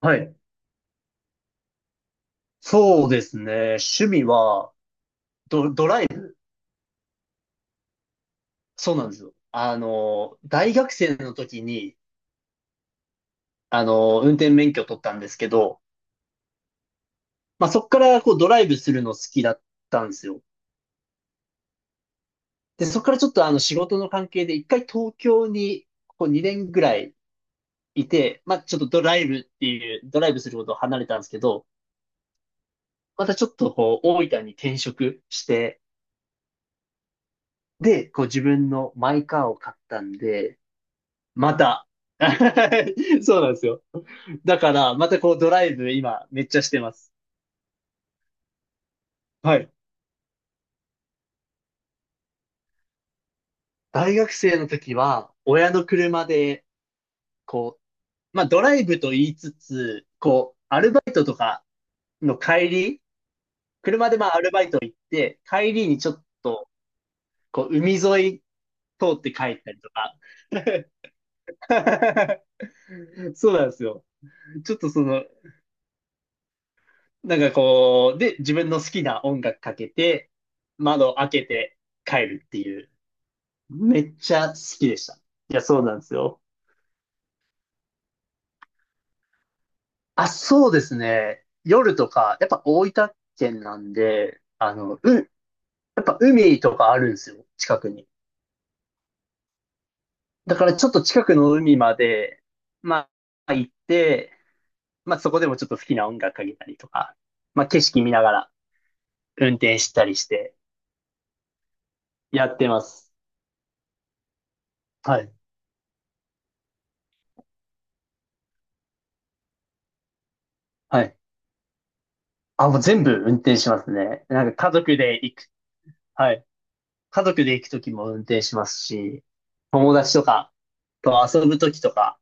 はい。そうですね。趣味は、ドライブ。そうなんですよ。大学生の時に、運転免許を取ったんですけど、まあ、そこからこうドライブするの好きだったんですよ。で、そこからちょっと仕事の関係で一回東京にこう2年ぐらいいて、まあ、ちょっとドライブっていう、ドライブすることを離れたんですけど、またちょっとこう大分に転職して、で、こう自分のマイカーを買ったんで、また。そうなんですよ。だから、またこうドライブ今めっちゃしてます。はい。大学生の時は、親の車で、こう、まあドライブと言いつつ、こう、アルバイトとかの帰り、車でまあアルバイト行って、帰りにちょっと、こう、海沿い通って帰ったりとか。そうなんですよ。ちょっとその、なんかこう、で、自分の好きな音楽かけて、窓開けて帰るっていう。めっちゃ好きでした。いや、そうなんですよ。あ、そうですね。夜とか、やっぱ大分県なんで、やっぱ海とかあるんですよ、近くに。だからちょっと近くの海まで、まあ行って、まあそこでもちょっと好きな音楽かけたりとか、まあ景色見ながら運転したりして、やってます。はい、はい。あ、もう全部運転しますね。なんか家族で行く。はい、家族で行くときも運転しますし、友達とかと遊ぶときとか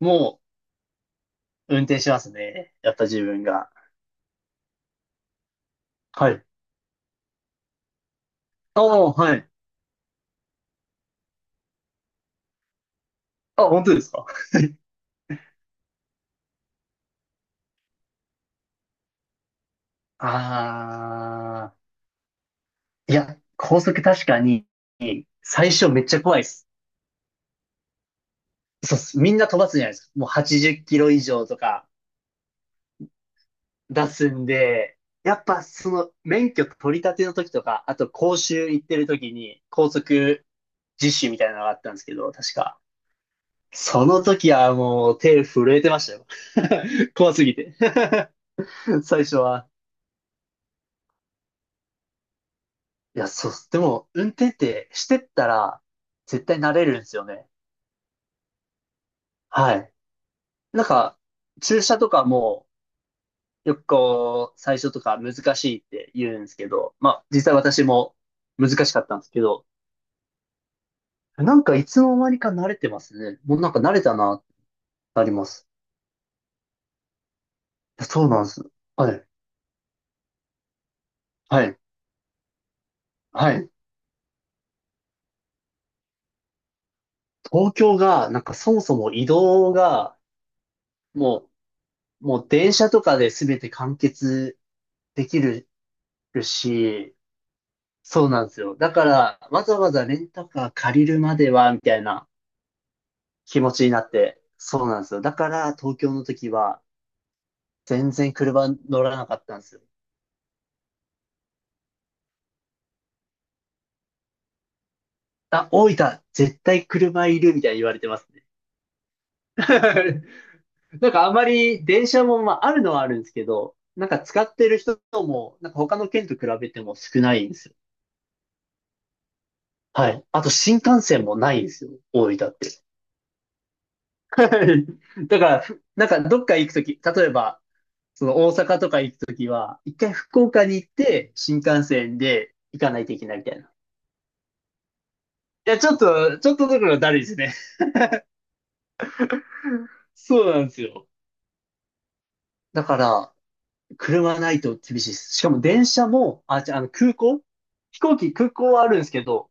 も運転しますね。やった自分が。はい。ああ、はい。あ、本当ですか？あー。いや、高速確かに最初めっちゃ怖いです。そうっす。みんな飛ばすじゃないですか。もう80キロ以上とか出すんで、やっぱその免許取り立ての時とか、あと講習行ってる時に高速実習みたいなのがあったんですけど、確か。その時はもう手震えてましたよ。怖すぎて 最初は。いや、そう、でも、運転ってしてったら、絶対慣れるんですよね。はい。なんか、駐車とかも、よくこう、最初とか難しいって言うんですけど、まあ、実際私も難しかったんですけど、なんかいつの間にか慣れてますね。もうなんか慣れたな、なります。いや、そうなんです。はい。はい。はい。東京が、なんかそもそも移動が、もう、もう電車とかで全て完結できるし、そうなんですよ。だから、わざわざレンタカー借りるまでは、みたいな気持ちになって、そうなんですよ。だから、東京の時は、全然車乗らなかったんですよ。あ、大分、絶対車いる、みたいに言われてますね。なんかあまり電車も、まあ、あるのはあるんですけど、なんか使ってる人も、なんか他の県と比べても少ないんですよ。はい。あと新幹線もないんですよ。大分って。はい。だから、なんかどっか行くとき、例えば、その大阪とか行くときは、一回福岡に行って、新幹線で行かないといけないみたいな。いや、ちょっとだからだるいですね。そうなんですよ。だから、車ないと厳しいです。しかも電車も、あ、じゃあ、あの空港飛行機、空港はあるんですけど、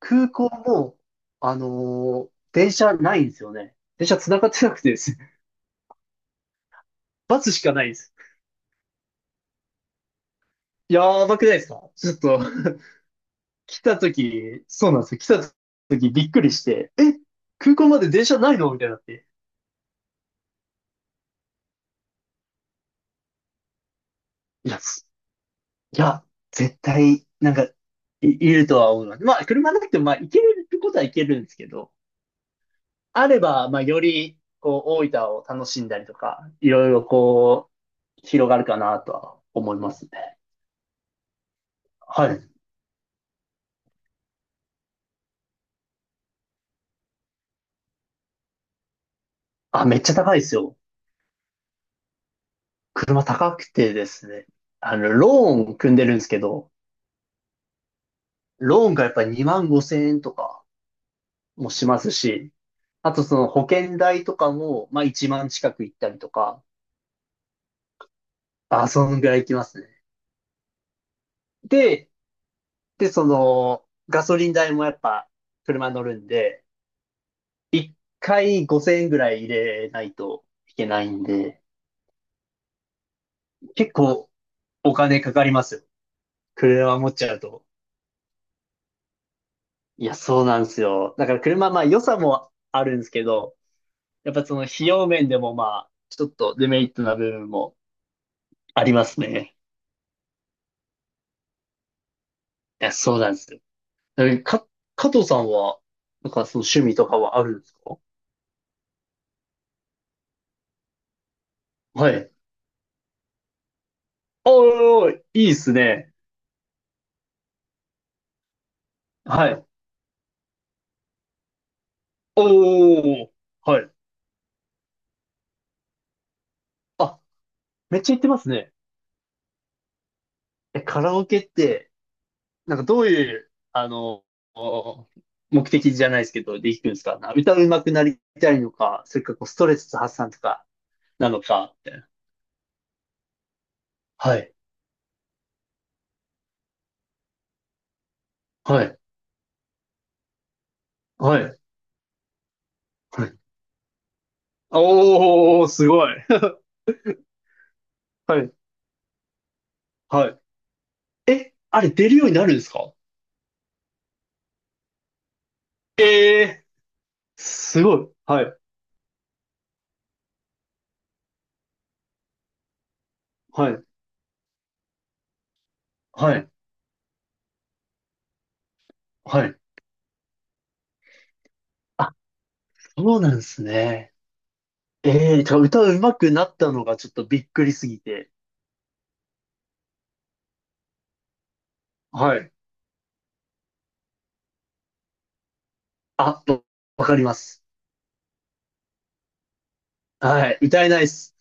空港も、電車ないんですよね。電車繋がってなくてですね。バスしかないんです。やばくないですか？ちょっと来た時、そうなんですよ。来た時びっくりして、え、空港まで電車ないのみたいになって。いや、すいや、絶対、いるとは思います。まあ、車なくても、まあ、行けることは行けるんですけど、あれば、まあ、より、こう、大分を楽しんだりとか、いろいろこう、広がるかなとは思いますね。はい。あ、めっちゃ高いですよ。車高くてですね。ローン組んでるんですけど、ローンがやっぱり2万5千円とか、もしますし、あとその保険代とかも、まあ1万近く行ったりとか、あ、そのぐらい行きますね。で、で、その、ガソリン代もやっぱ車乗るんで、1回5,000円ぐらい入れないといけないんで、結構お金かかりますよ。車持っちゃうと。いや、そうなんですよ。だから車、まあ良さもあるんですけど、やっぱその費用面でもまあ、ちょっとデメリットな部分もありますね。いや、そうなんですよ。え、か、加藤さんは、なんかその趣味とかはあるんですか？はい。おー、いいっすね。はい。おー、はい。あ、めっちゃ行ってますね。え、カラオケって、なんかどういう、お目的じゃないですけど、で行くんですか？な歌うまくなりたいのか、それかこうストレス発散とか、なのか、みたいな。はい。はい。はい。はい。おー、すごい。はい。はい。え、あれ出るようになるんですか？ええ、すごい。はい。はい。はい。はい。あ、そうなんですね。ええ、じゃあ歌うまくなったのがちょっとびっくりすぎて。はい。あ、わかります。はい。歌えないっす。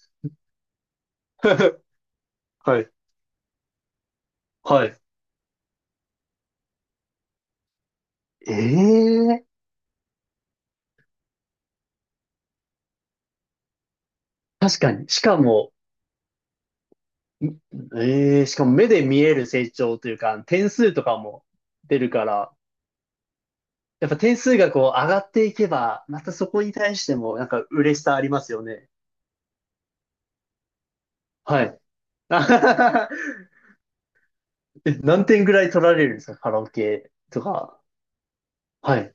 はい。はい。ええ、確かに。しかも、ええ、しかも目で見える成長というか、点数とかも出るから、やっぱ点数がこう上がっていけば、またそこに対してもなんか嬉しさありますよね。はい。え、何点ぐらい取られるんですか？カラオケとか。はい。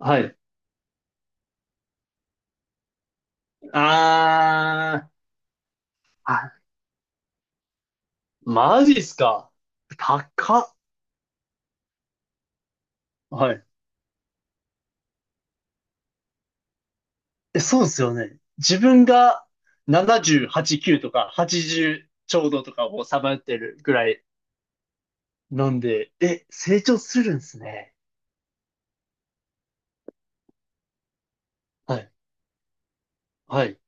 はい。あー。あ、マジっすか。高っ。はい。え、そうですよね。自分が70、89とか80ちじゅうちょうどとかをさまよってるぐらいなんで、え、成長するんですね。はい。はい。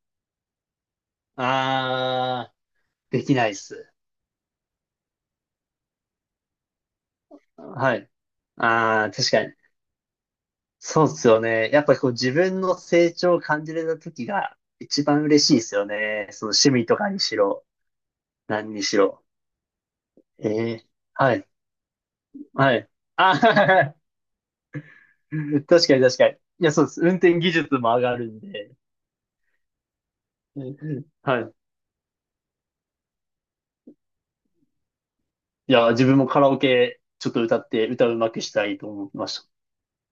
あー。できないっす。はい。あー、確かに。そうですよね。やっぱりこう自分の成長を感じれた時が一番嬉しいですよね。その趣味とかにしろ、何にしろ。ええ、はい、はい。あ、確かに確かに。いや、そうです。運転技術も上がるんで。うんうん、はい。いや、自分もカラオケちょっと歌って、歌うまくしたいと思いました。